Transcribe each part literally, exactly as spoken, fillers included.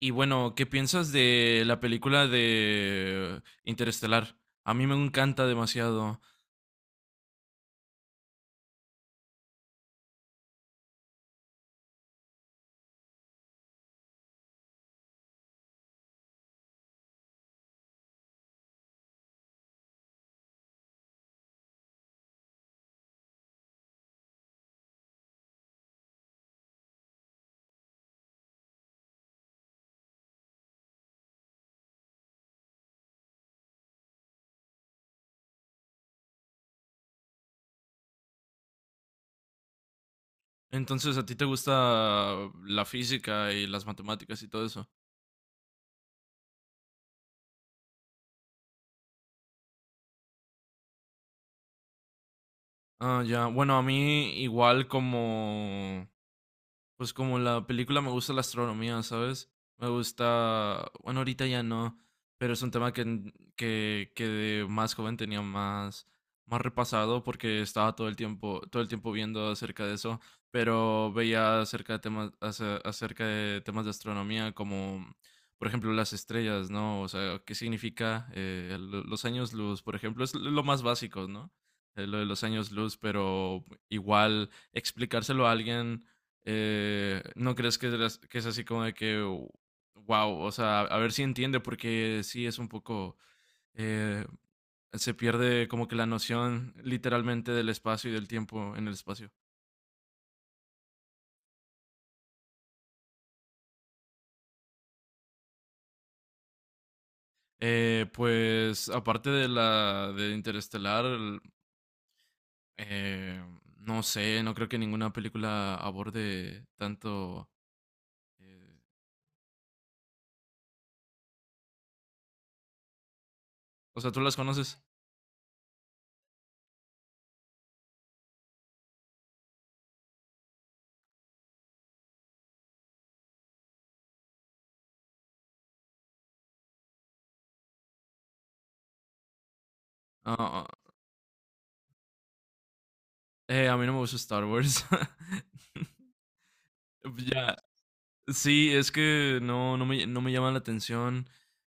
Y bueno, ¿qué piensas de la película de Interestelar? A mí me encanta demasiado. Entonces, ¿a ti te gusta la física y las matemáticas y todo eso? Ah, ya. Bueno, a mí igual como pues como la película me gusta la astronomía, ¿sabes? Me gusta, bueno, ahorita ya no, pero es un tema que, n- que, que de más joven tenía más, más repasado porque estaba todo el tiempo, todo el tiempo viendo acerca de eso, pero veía acerca de temas, ace- acerca de temas de astronomía como, por ejemplo, las estrellas, ¿no? O sea, ¿qué significa eh, lo- los años luz, por ejemplo? Es lo más básico, ¿no? Eh, lo de los años luz, pero igual explicárselo a alguien eh, ¿no crees que es, de las- que es así como de que, wow, o sea, a ver si entiende, porque sí es un poco, eh, se pierde como que la noción literalmente del espacio y del tiempo en el espacio. Eh, pues aparte de la de Interestelar, el- eh, no sé, no creo que ninguna película aborde tanto. Eh, o sea, ¿tú las conoces? Ah, ah, eh, a mí no me gusta Star Wars. Ya, sí, es que no, no me, no me llama la atención.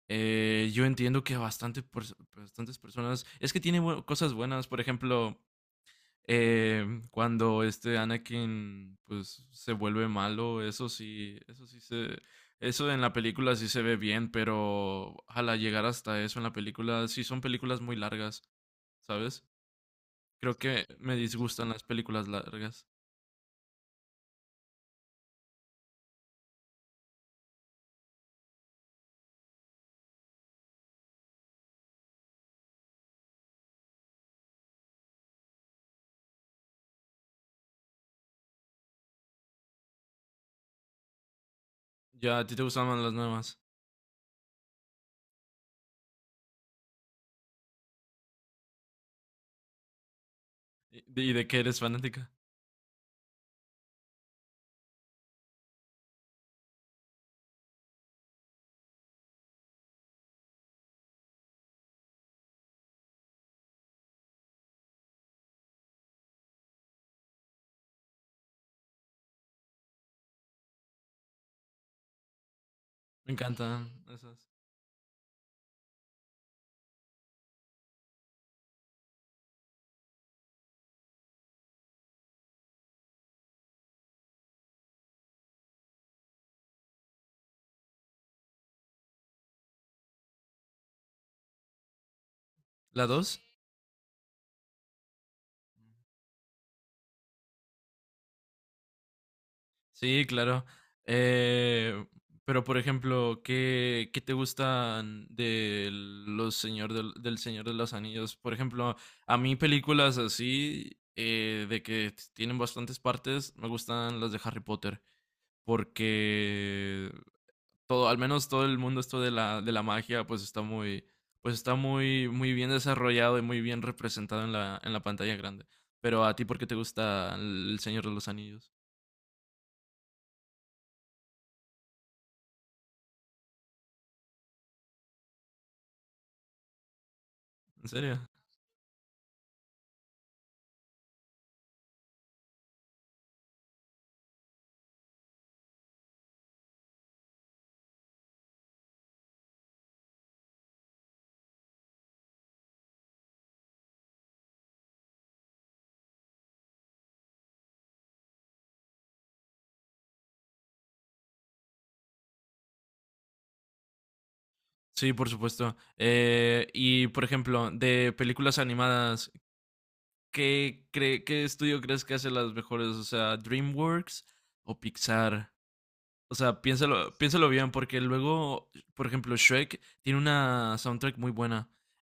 Eh, yo entiendo que a bastante, pers- bastantes personas. Es que tiene bu- cosas buenas. Por ejemplo, eh, cuando este Anakin pues se vuelve malo. Eso sí. Eso sí se. Eso en la película sí se ve bien. Pero ojalá llegar hasta eso en la película. Sí, son películas muy largas. ¿Sabes? Creo que me disgustan las películas largas. Ya, ¿a ti te gustan más las nuevas? ¿Y y de qué eres fanática? Me encantan esas. ¿La dos? Sí, claro. Eh, pero, por ejemplo, ¿qué, qué te gustan de los señor del, del Señor de los Anillos? Por ejemplo, a mí películas así, eh, de que tienen bastantes partes, me gustan las de Harry Potter, porque todo, al menos todo el mundo esto de la, de la magia, pues está muy, pues está muy, muy bien desarrollado y muy bien representado en la, en la pantalla grande. Pero a ti, ¿por qué te gusta El Señor de los Anillos? ¿En serio? Sí, por supuesto. Eh, y por ejemplo, de películas animadas, ¿qué, cre- ¿qué estudio crees que hace las mejores? O sea, ¿DreamWorks o Pixar? O sea, piénsalo, piénsalo bien, porque luego, por ejemplo, Shrek tiene una soundtrack muy buena,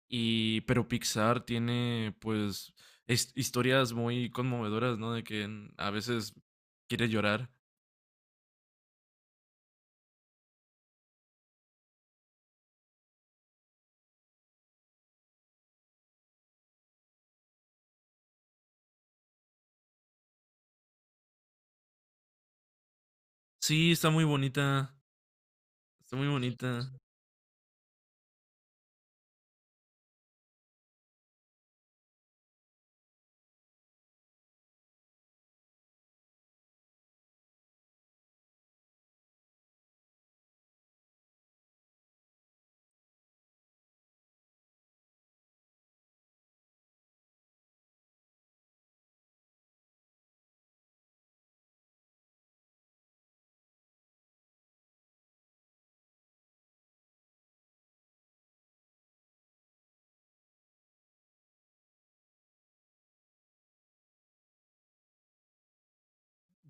y, pero Pixar tiene, pues, his- historias muy conmovedoras, ¿no? De que en- a veces quiere llorar. Sí, está muy bonita, está muy bonita.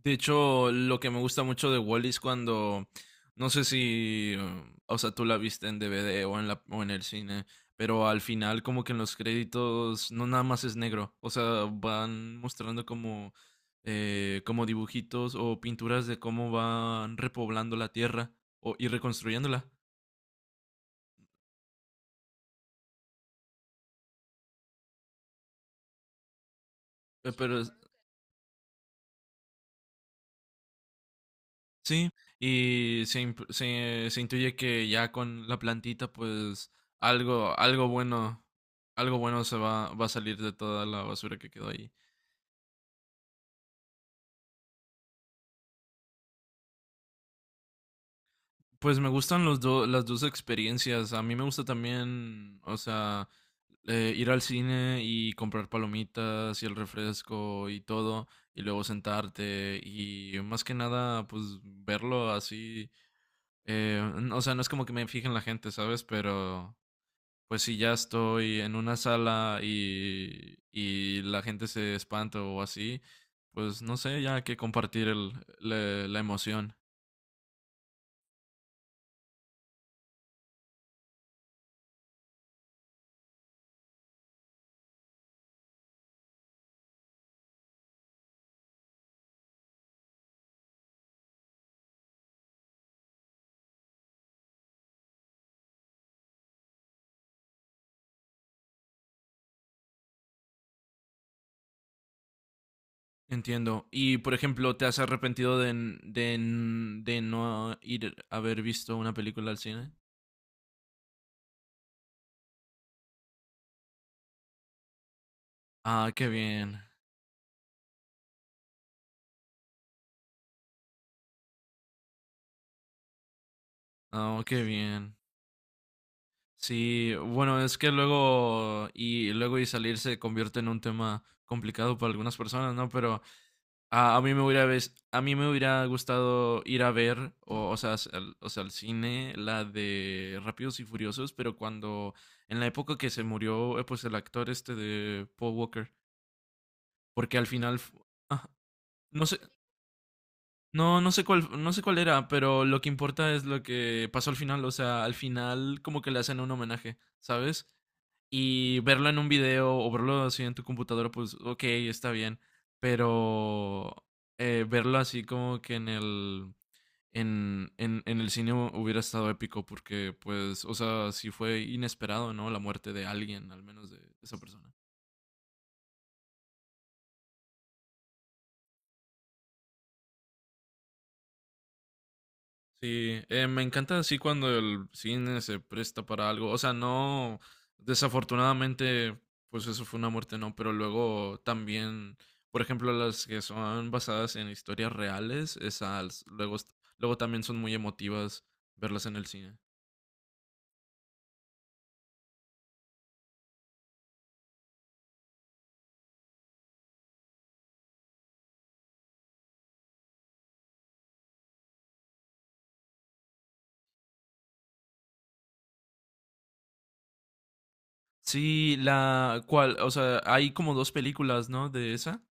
De hecho, lo que me gusta mucho de Wally es cuando, no sé si, uh, o sea, tú la viste en D V D o en la, o en el cine, pero al final como que en los créditos no nada más es negro, o sea, van mostrando como, eh, como dibujitos o pinturas de cómo van repoblando la tierra o, y reconstruyéndola. Eh, Pero es- Sí, y se, imp- se, se intuye que ya con la plantita, pues algo, algo bueno, algo bueno se va, va a salir de toda la basura que quedó ahí. Pues me gustan los do- las dos experiencias. A mí me gusta también, o sea, eh, ir al cine y comprar palomitas y el refresco y todo, y luego sentarte y más que nada, pues verlo así. Eh, n- o sea, no es como que me fije en la gente, ¿sabes? Pero pues si ya estoy en una sala y, y la gente se espanta o así, pues no sé, ya hay que compartir el- la, la emoción. Entiendo. Y por ejemplo, ¿te has arrepentido de, n- de, n- de no ir a haber visto una película al cine? Ah, qué bien. Oh, qué bien. Sí, bueno, es que luego y luego y salir se convierte en un tema complicado para algunas personas, ¿no? Pero A, a mí me hubiera ves- a mí me hubiera gustado ir a ver, o, o sea, s- al, o sea, al cine, la de Rápidos y Furiosos, pero cuando, en la época que se murió, eh, pues el actor este de Paul Walker, porque al final, fu- ah, no sé, no, no sé cuál, no sé cuál era, pero lo que importa es lo que pasó al final, o sea, al final como que le hacen un homenaje, ¿sabes? Y verlo en un video o verlo así en tu computadora, pues ok, está bien. Pero eh, verlo así como que en el, en, en, en el cine hu- hubiera estado épico porque, pues, o sea, sí fue inesperado, ¿no? La muerte de alguien, al menos de esa persona. Sí, eh, me encanta así cuando el cine se presta para algo. O sea, no, desafortunadamente, pues eso fue una muerte, no, pero luego también, por ejemplo, las que son basadas en historias reales, esas luego, est- luego también son muy emotivas verlas en el cine. Sí, la cual, o sea, hay como dos películas, ¿no? De esa.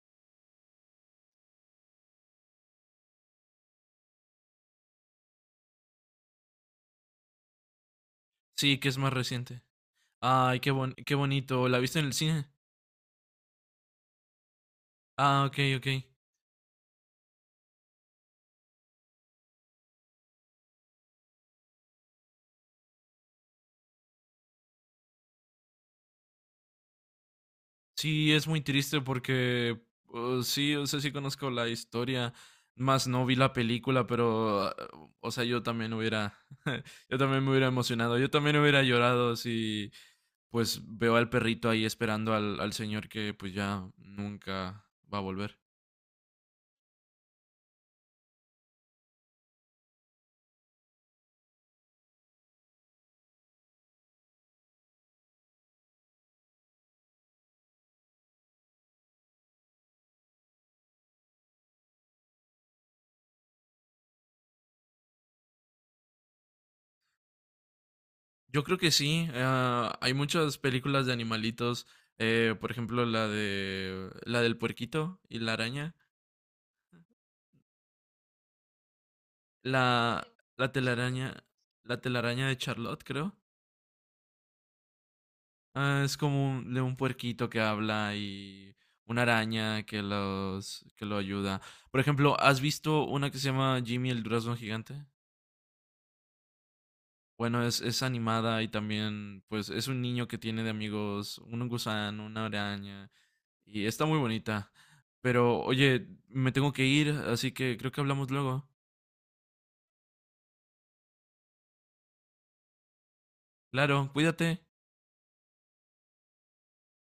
Sí, que es más reciente. Ay, qué bon- qué bonito. ¿La viste en el cine? Ah, ok, ok. Sí, es muy triste porque uh, sí, o sea, sí conozco la historia, más no vi la película, pero, uh, o sea, yo también hubiera, yo también me hubiera emocionado, yo también hubiera llorado si, pues, veo al perrito ahí esperando al, al señor que, pues, ya nunca va a volver. Yo creo que sí, ah, hay muchas películas de animalitos, eh, por ejemplo, la de, la del puerquito y la araña, la, la telaraña, la telaraña de Charlotte, creo. Ah, es como un, de un puerquito que habla y una araña que los que lo ayuda. Por ejemplo, ¿has visto una que se llama Jimmy el durazno gigante? Bueno, es, es animada y también, pues, es un niño que tiene de amigos un gusano, una araña y está muy bonita. Pero, oye, me tengo que ir, así que creo que hablamos luego. Claro, cuídate.